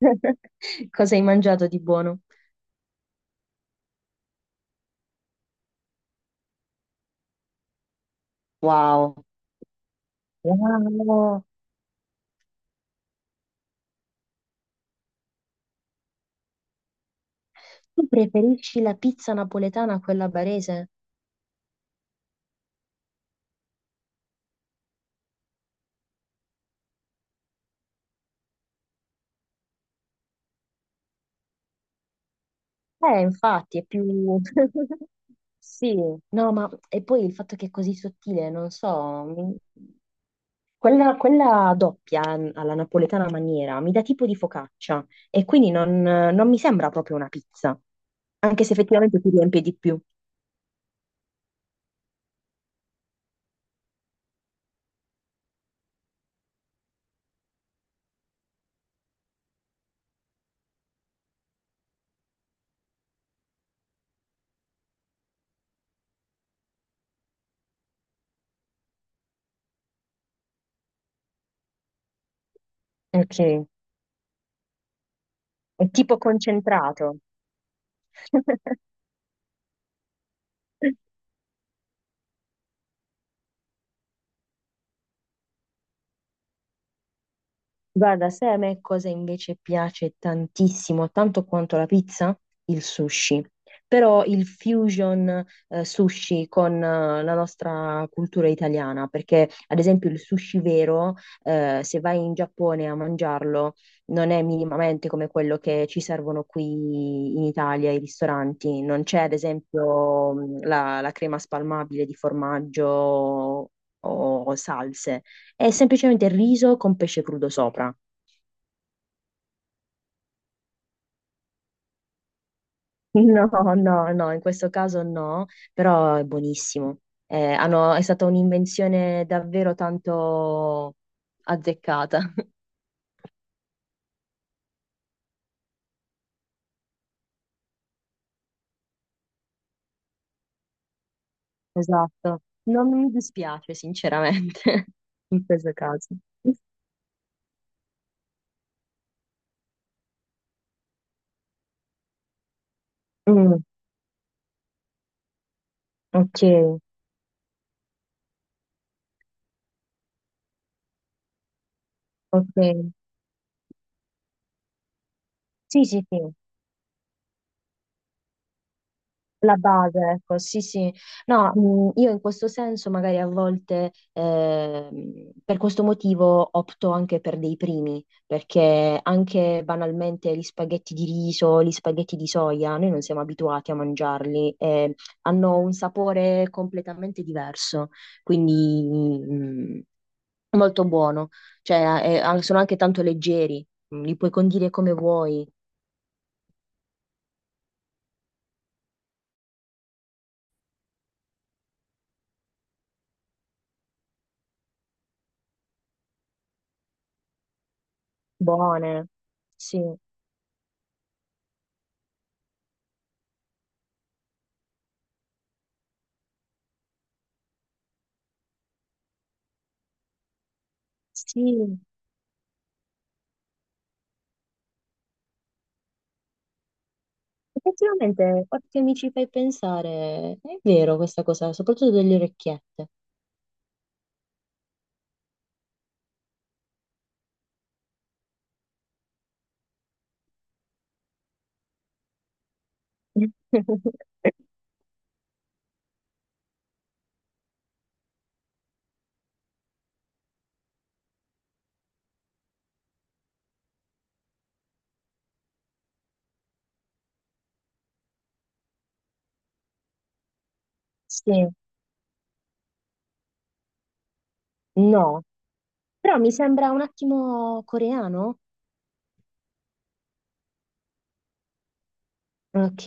Cosa hai mangiato di buono? Wow. Wow, tu preferisci la pizza napoletana a quella barese? Infatti, è più... Sì, no, ma e poi il fatto che è così sottile, non so, quella doppia alla napoletana maniera mi dà tipo di focaccia e quindi non mi sembra proprio una pizza, anche se effettivamente ti riempie di più. Ok, è tipo concentrato. Guarda, sai a me cosa invece piace tantissimo, tanto quanto la pizza? Il sushi. Però il fusion sushi con la nostra cultura italiana, perché ad esempio il sushi vero, se vai in Giappone a mangiarlo, non è minimamente come quello che ci servono qui in Italia, i ristoranti. Non c'è ad esempio la crema spalmabile di formaggio o salse. È semplicemente riso con pesce crudo sopra. No, no, no, in questo caso no, però è buonissimo. È stata un'invenzione davvero tanto azzeccata. Esatto. Non mi dispiace, sinceramente. In questo caso. Mm, ok, ok. Sì, sì, sì. La base, ecco, sì, sì. No, io in questo senso magari a volte per questo motivo opto anche per dei primi, perché anche banalmente gli spaghetti di riso, gli spaghetti di soia, noi non siamo abituati a mangiarli e hanno un sapore completamente diverso, quindi molto buono. Cioè, sono anche tanto leggeri, li puoi condire come vuoi, buone. Sì, sì. Effettivamente, ora che mi ci fai pensare, è vero questa cosa, soprattutto delle orecchiette. Sì, no, però mi sembra un attimo coreano. Ok.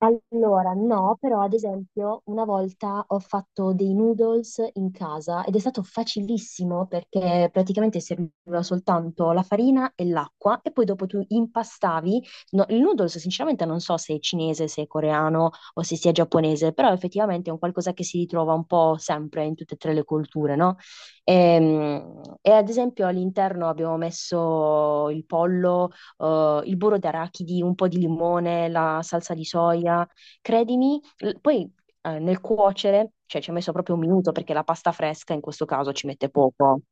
Allora, no, però ad esempio una volta ho fatto dei noodles in casa ed è stato facilissimo perché praticamente serviva soltanto la farina e l'acqua e poi dopo tu impastavi. No, il noodles sinceramente non so se è cinese, se è coreano o se sia giapponese, però effettivamente è un qualcosa che si ritrova un po' sempre in tutte e tre le culture, no? E, ad esempio all'interno abbiamo messo il pollo, il burro d'arachidi, un po' di limone, la salsa di soia. Credimi, poi nel cuocere, cioè ci ha messo proprio un minuto perché la pasta fresca in questo caso ci mette poco.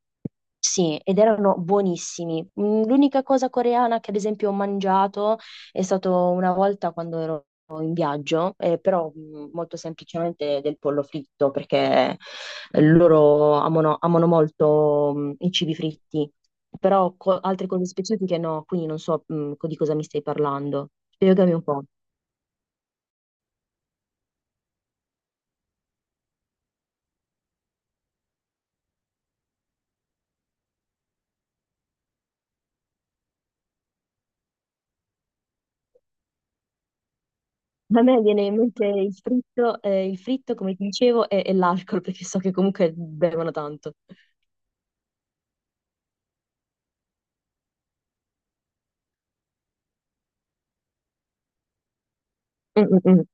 Sì, ed erano buonissimi. Mm, l'unica cosa coreana che ad esempio ho mangiato è stato una volta quando ero in viaggio, però molto semplicemente del pollo fritto, perché loro amano molto i cibi fritti, però altre cose specifiche no, quindi non so di cosa mi stai parlando. Spiegami un po'. A me viene in mente il fritto, come ti dicevo, e l'alcol, perché so che comunque bevono tanto. Mm, mm, mm.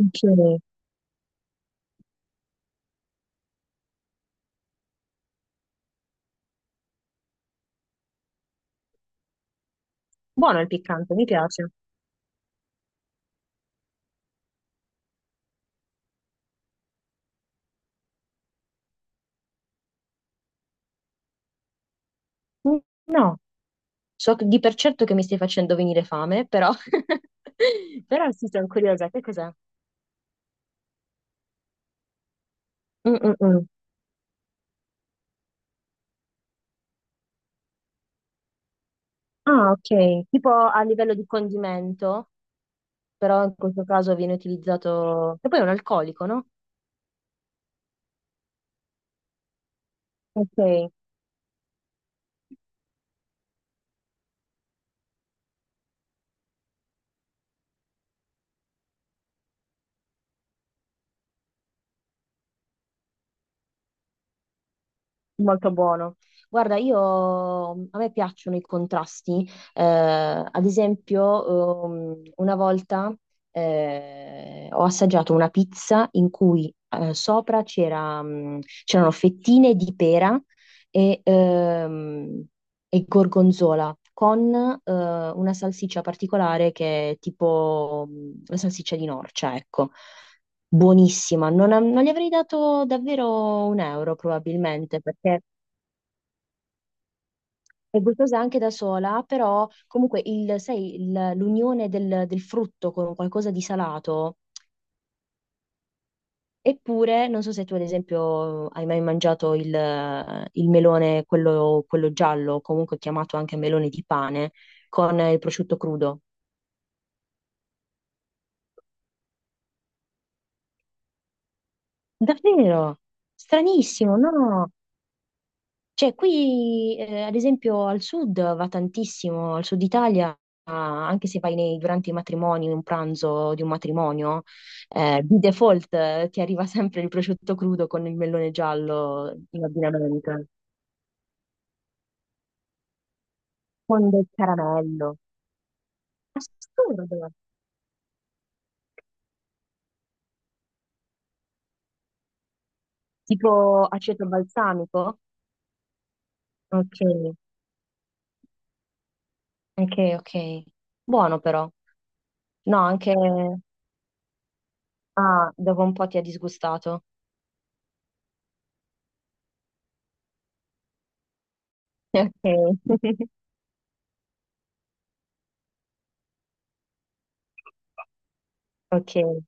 Ok. Buono il piccante, mi piace. Mm, no, so di per certo che mi stai facendo venire fame, però, però sì, sono curiosa, che cos'è? Mm, mm, mm. Ah, ok, tipo a livello di condimento, però in questo caso viene utilizzato, che poi è un alcolico, no? Ok, molto buono. Guarda, io a me piacciono i contrasti. Ad esempio, una volta ho assaggiato una pizza in cui sopra c'era, c'erano fettine di pera e, ehm, e gorgonzola con una salsiccia particolare che è tipo la salsiccia di Norcia, ecco. Buonissima, non, non gli avrei dato davvero un euro probabilmente perché è gustosa anche da sola, però comunque sai, l'unione del frutto con qualcosa di salato. Eppure, non so se tu ad esempio hai mai mangiato il melone, quello giallo, comunque chiamato anche melone di pane, con il prosciutto crudo. Davvero? Stranissimo, no? Cioè, qui, ad esempio, al sud va tantissimo, al sud Italia, ah, anche se vai durante i matrimoni, un pranzo di un matrimonio, di default, ti arriva sempre il prosciutto crudo con il melone giallo in abbinamento, con del caramello. Assurdo! Tipo aceto balsamico? Ok, ok, ok. Buono però. No, anche... Ah, dopo un po' ti ha disgustato. Ok. Ok.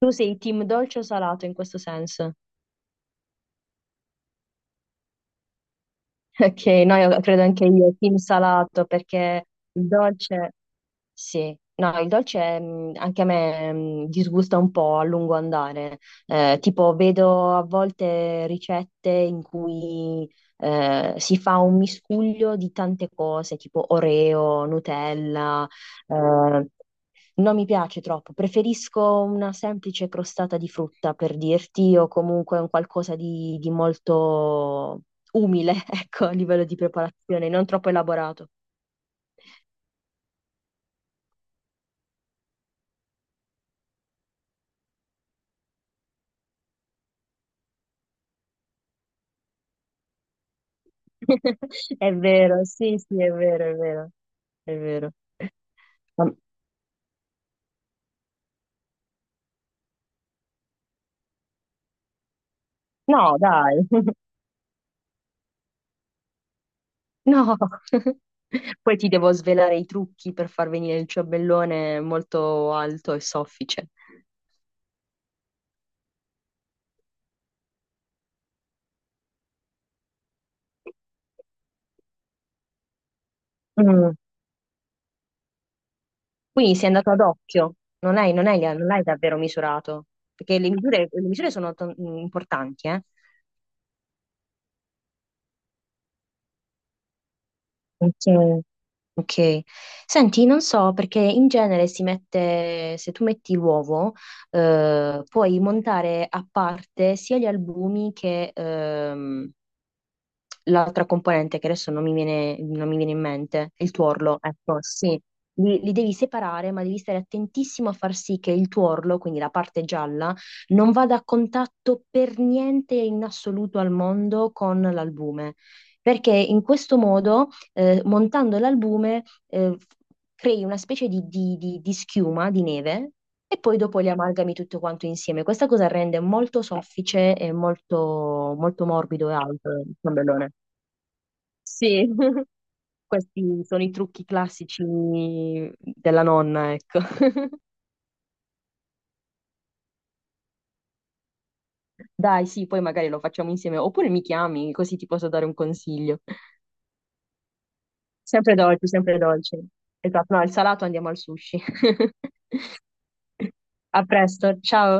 Tu sei team dolce o salato in questo senso? Ok, no, io credo anche io, team salato, perché il dolce, sì, no, il dolce anche a me disgusta un po' a lungo andare. Tipo, vedo a volte ricette in cui si fa un miscuglio di tante cose, tipo Oreo, Nutella, eh, non mi piace troppo, preferisco una semplice crostata di frutta per dirti, o comunque un qualcosa di molto umile, ecco, a livello di preparazione, non troppo elaborato. È vero, sì, sì, è vero, è vero, è vero. Ma- No, dai, no. Poi ti devo svelare i trucchi per far venire il ciambellone molto alto e soffice. Quindi sei andato ad occhio, non l'hai davvero misurato, perché le misure sono importanti, eh? Ok. Ok. Senti, non so, perché in genere si mette, se tu metti l'uovo, puoi montare a parte sia gli albumi che, l'altra componente che adesso non mi viene in mente, il tuorlo, ecco, sì. Li, li devi separare, ma devi stare attentissimo a far sì che il tuorlo, quindi la parte gialla, non vada a contatto per niente in assoluto al mondo con l'albume, perché in questo modo, montando l'albume, crei una specie di schiuma, di neve, e poi dopo li amalgami tutto quanto insieme. Questa cosa rende molto soffice e molto, molto morbido e alto il ciambellone. Sì, questi sono i trucchi classici della nonna, ecco. Dai, sì, poi magari lo facciamo insieme, oppure mi chiami, così ti posso dare un consiglio. Sempre dolci, sempre dolci. Esatto, no, al salato andiamo al sushi. A presto, ciao.